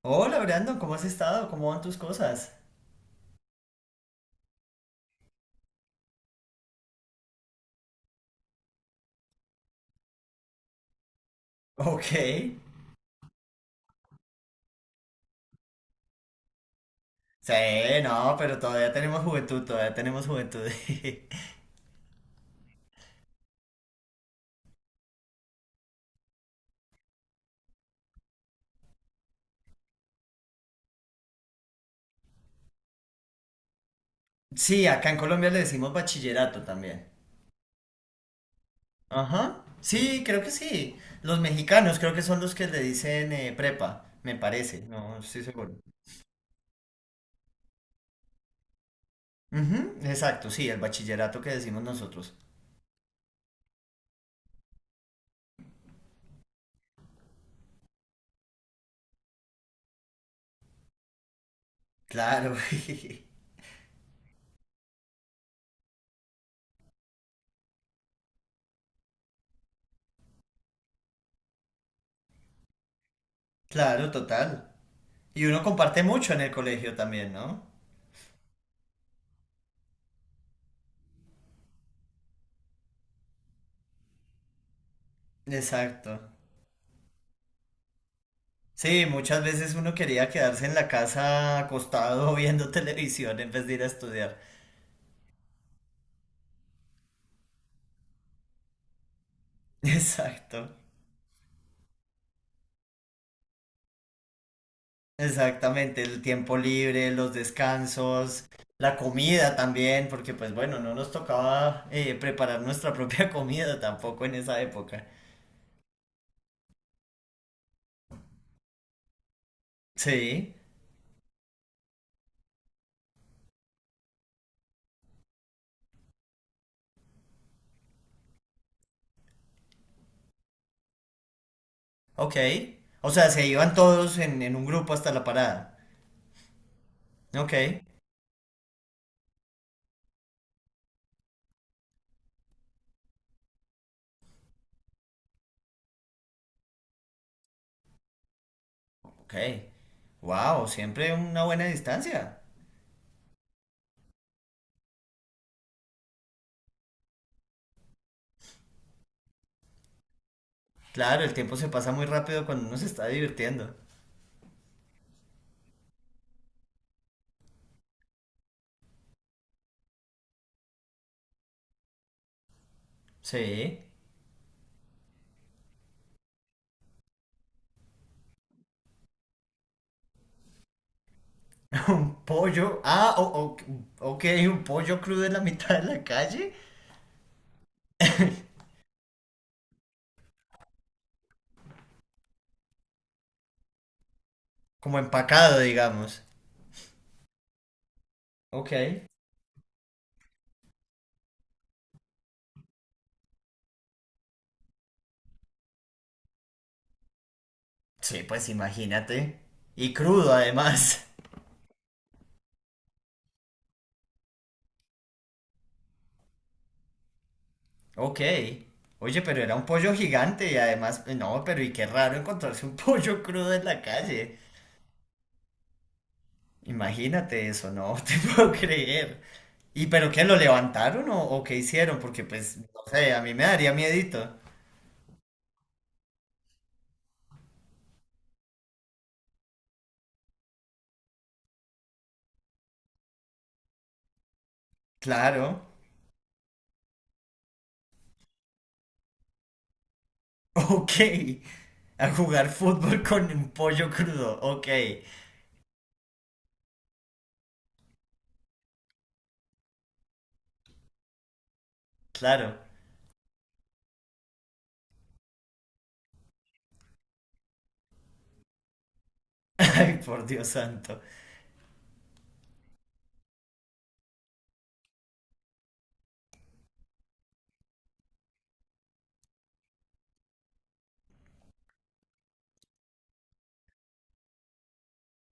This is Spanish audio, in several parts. Hola Brandon, ¿cómo has estado? ¿Cómo van tus cosas? Ok. Sí, no, pero todavía tenemos juventud, todavía tenemos juventud. Sí, acá en Colombia le decimos bachillerato también. Ajá. Sí, creo que sí. Los mexicanos creo que son los que le dicen prepa, me parece. No estoy seguro. Ujú, exacto, sí, el bachillerato que decimos nosotros. Claro, claro, total. Y uno comparte mucho en el colegio también, ¿no? Exacto. Sí, muchas veces uno quería quedarse en la casa acostado viendo televisión en vez de ir a estudiar. Exacto, exactamente, el tiempo libre, los descansos, la comida también, porque pues bueno, no nos tocaba preparar nuestra propia comida tampoco en esa época. Sí, ok. O sea, se iban todos en un grupo hasta la parada. Ok, ok. Wow, siempre una buena distancia. Claro, el tiempo se pasa muy rápido cuando uno se está divirtiendo. Sí. Un pollo. Ah, o- ok, un pollo crudo en la mitad de la calle. Como empacado, digamos. Ok. Sí, pues imagínate. Y crudo además. Ok. Oye, pero era un pollo gigante y además, no, pero y qué raro encontrarse un pollo crudo en la calle. Imagínate eso, no te puedo creer. ¿Y pero qué, lo levantaron o qué hicieron? Porque pues, no sé, a mí me daría miedito. Claro. Ok. A jugar fútbol con un pollo crudo. Ok, claro. Ay, por Dios santo.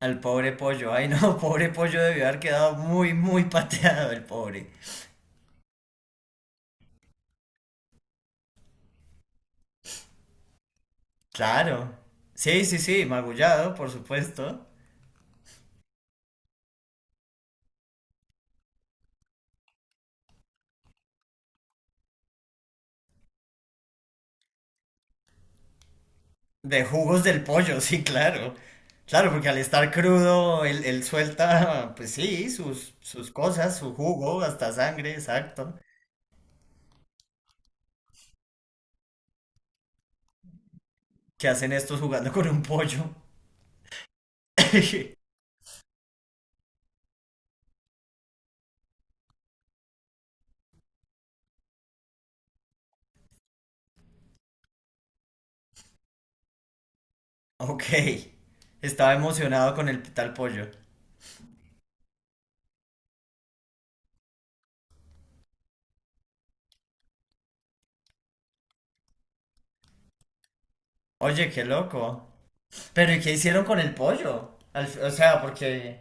Al pobre pollo. Ay, no, pobre pollo debió haber quedado muy, muy pateado el pobre. Claro. Sí, sí, sí, magullado, por supuesto. De jugos del pollo, sí, claro. Claro, porque al estar crudo, él suelta, pues sí, sus cosas, su jugo, hasta sangre, exacto. ¿Qué hacen estos jugando con un pollo? Ok, estaba emocionado con el tal pollo. Oye, qué loco. Pero ¿y qué hicieron con el pollo? Al fi- o sea, porque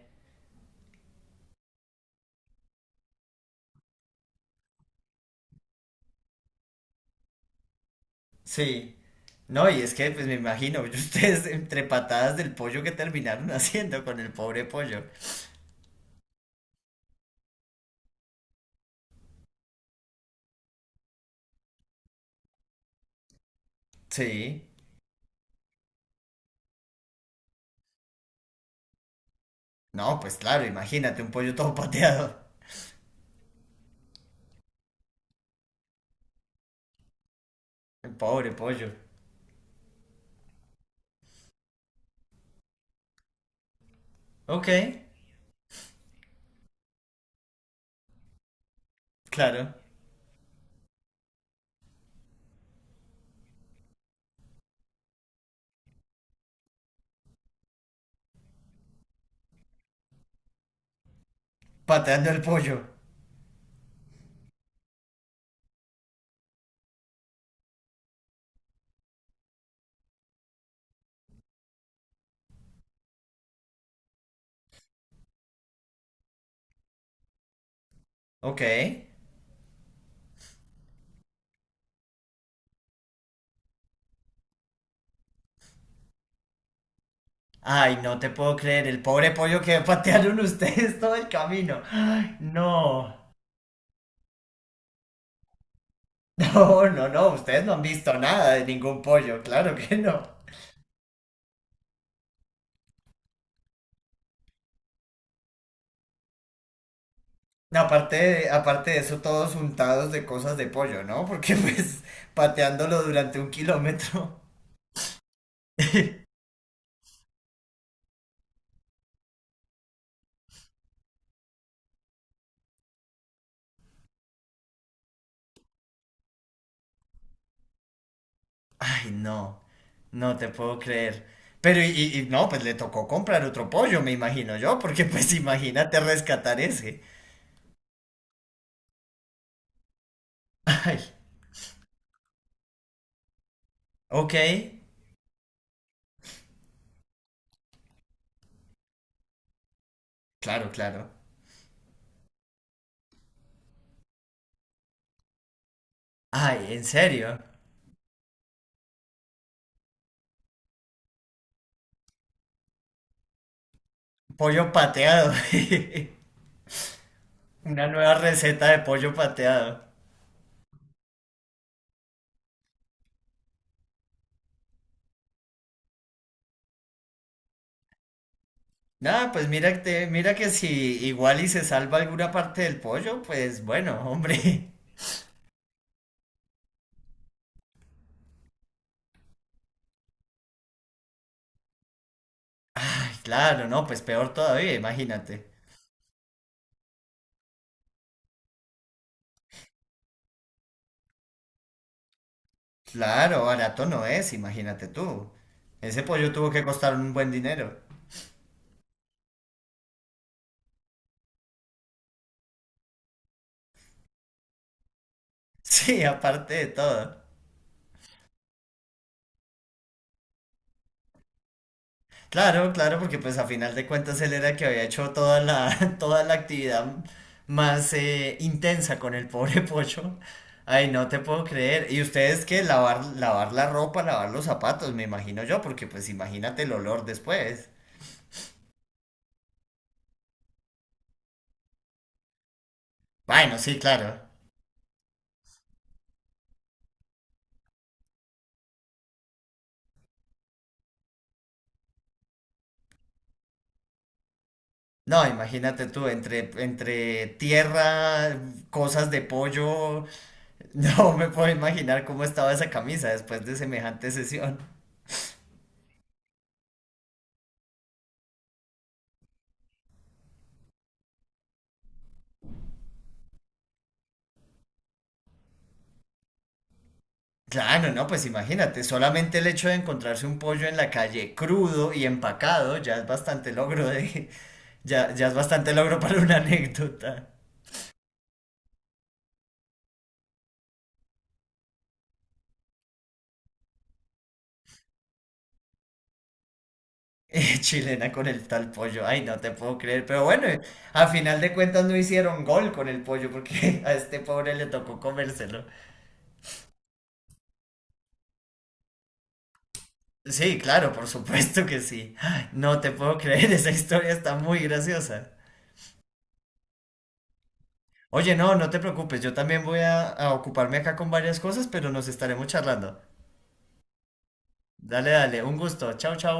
sí. No, y es que pues me imagino, ustedes entre patadas del pollo que terminaron haciendo con el pobre pollo. Sí. No, pues claro, imagínate un pollo todo pateado. El pobre pollo. Ok, claro. Pateando el pollo. Ok. Ay, no te puedo creer, el pobre pollo que patearon ustedes todo el camino. Ay, no. No, no, no, ustedes no han visto nada de ningún pollo, claro que no. No, aparte de, aparte de eso, todos untados de cosas de pollo, ¿no? Porque pues pateándolo durante 1 kilómetro. Ay, no, no te puedo creer. Pero y no, pues le tocó comprar otro pollo, me imagino yo, porque pues imagínate rescatar ese. Ay, ok, claro, claro. Ay, ¿en serio? Pollo pateado. Una nueva receta de pollo pateado. Nada, pues mira que si igual y se salva alguna parte del pollo, pues bueno, hombre. Ay, claro, no, pues peor todavía, imagínate. Claro, barato no es, imagínate tú. Ese pollo tuvo que costar un buen dinero. Sí, aparte de todo. Claro, claro, porque pues a final de cuentas él era el que había hecho toda la, toda la actividad más intensa con el pobre Pocho. Ay, no te puedo creer. ¿Y ustedes qué? Lavar, lavar la ropa, lavar los zapatos, me imagino yo, porque pues imagínate el olor después. Bueno, sí, claro. No, imagínate tú, entre tierra, cosas de pollo, no me puedo imaginar cómo estaba esa camisa después de semejante sesión. Claro, no, pues imagínate, solamente el hecho de encontrarse un pollo en la calle crudo y empacado ya es bastante logro de, ya, ya es bastante logro para una anécdota. Chilena con el tal pollo, ay, no te puedo creer, pero bueno, a final de cuentas no hicieron gol con el pollo porque a este pobre le tocó comérselo. Sí, claro, por supuesto que sí. Ay, no te puedo creer, esa historia está muy graciosa. Oye, no, no te preocupes, yo también voy a ocuparme acá con varias cosas, pero nos estaremos charlando. Dale, dale, un gusto. Chau, chau.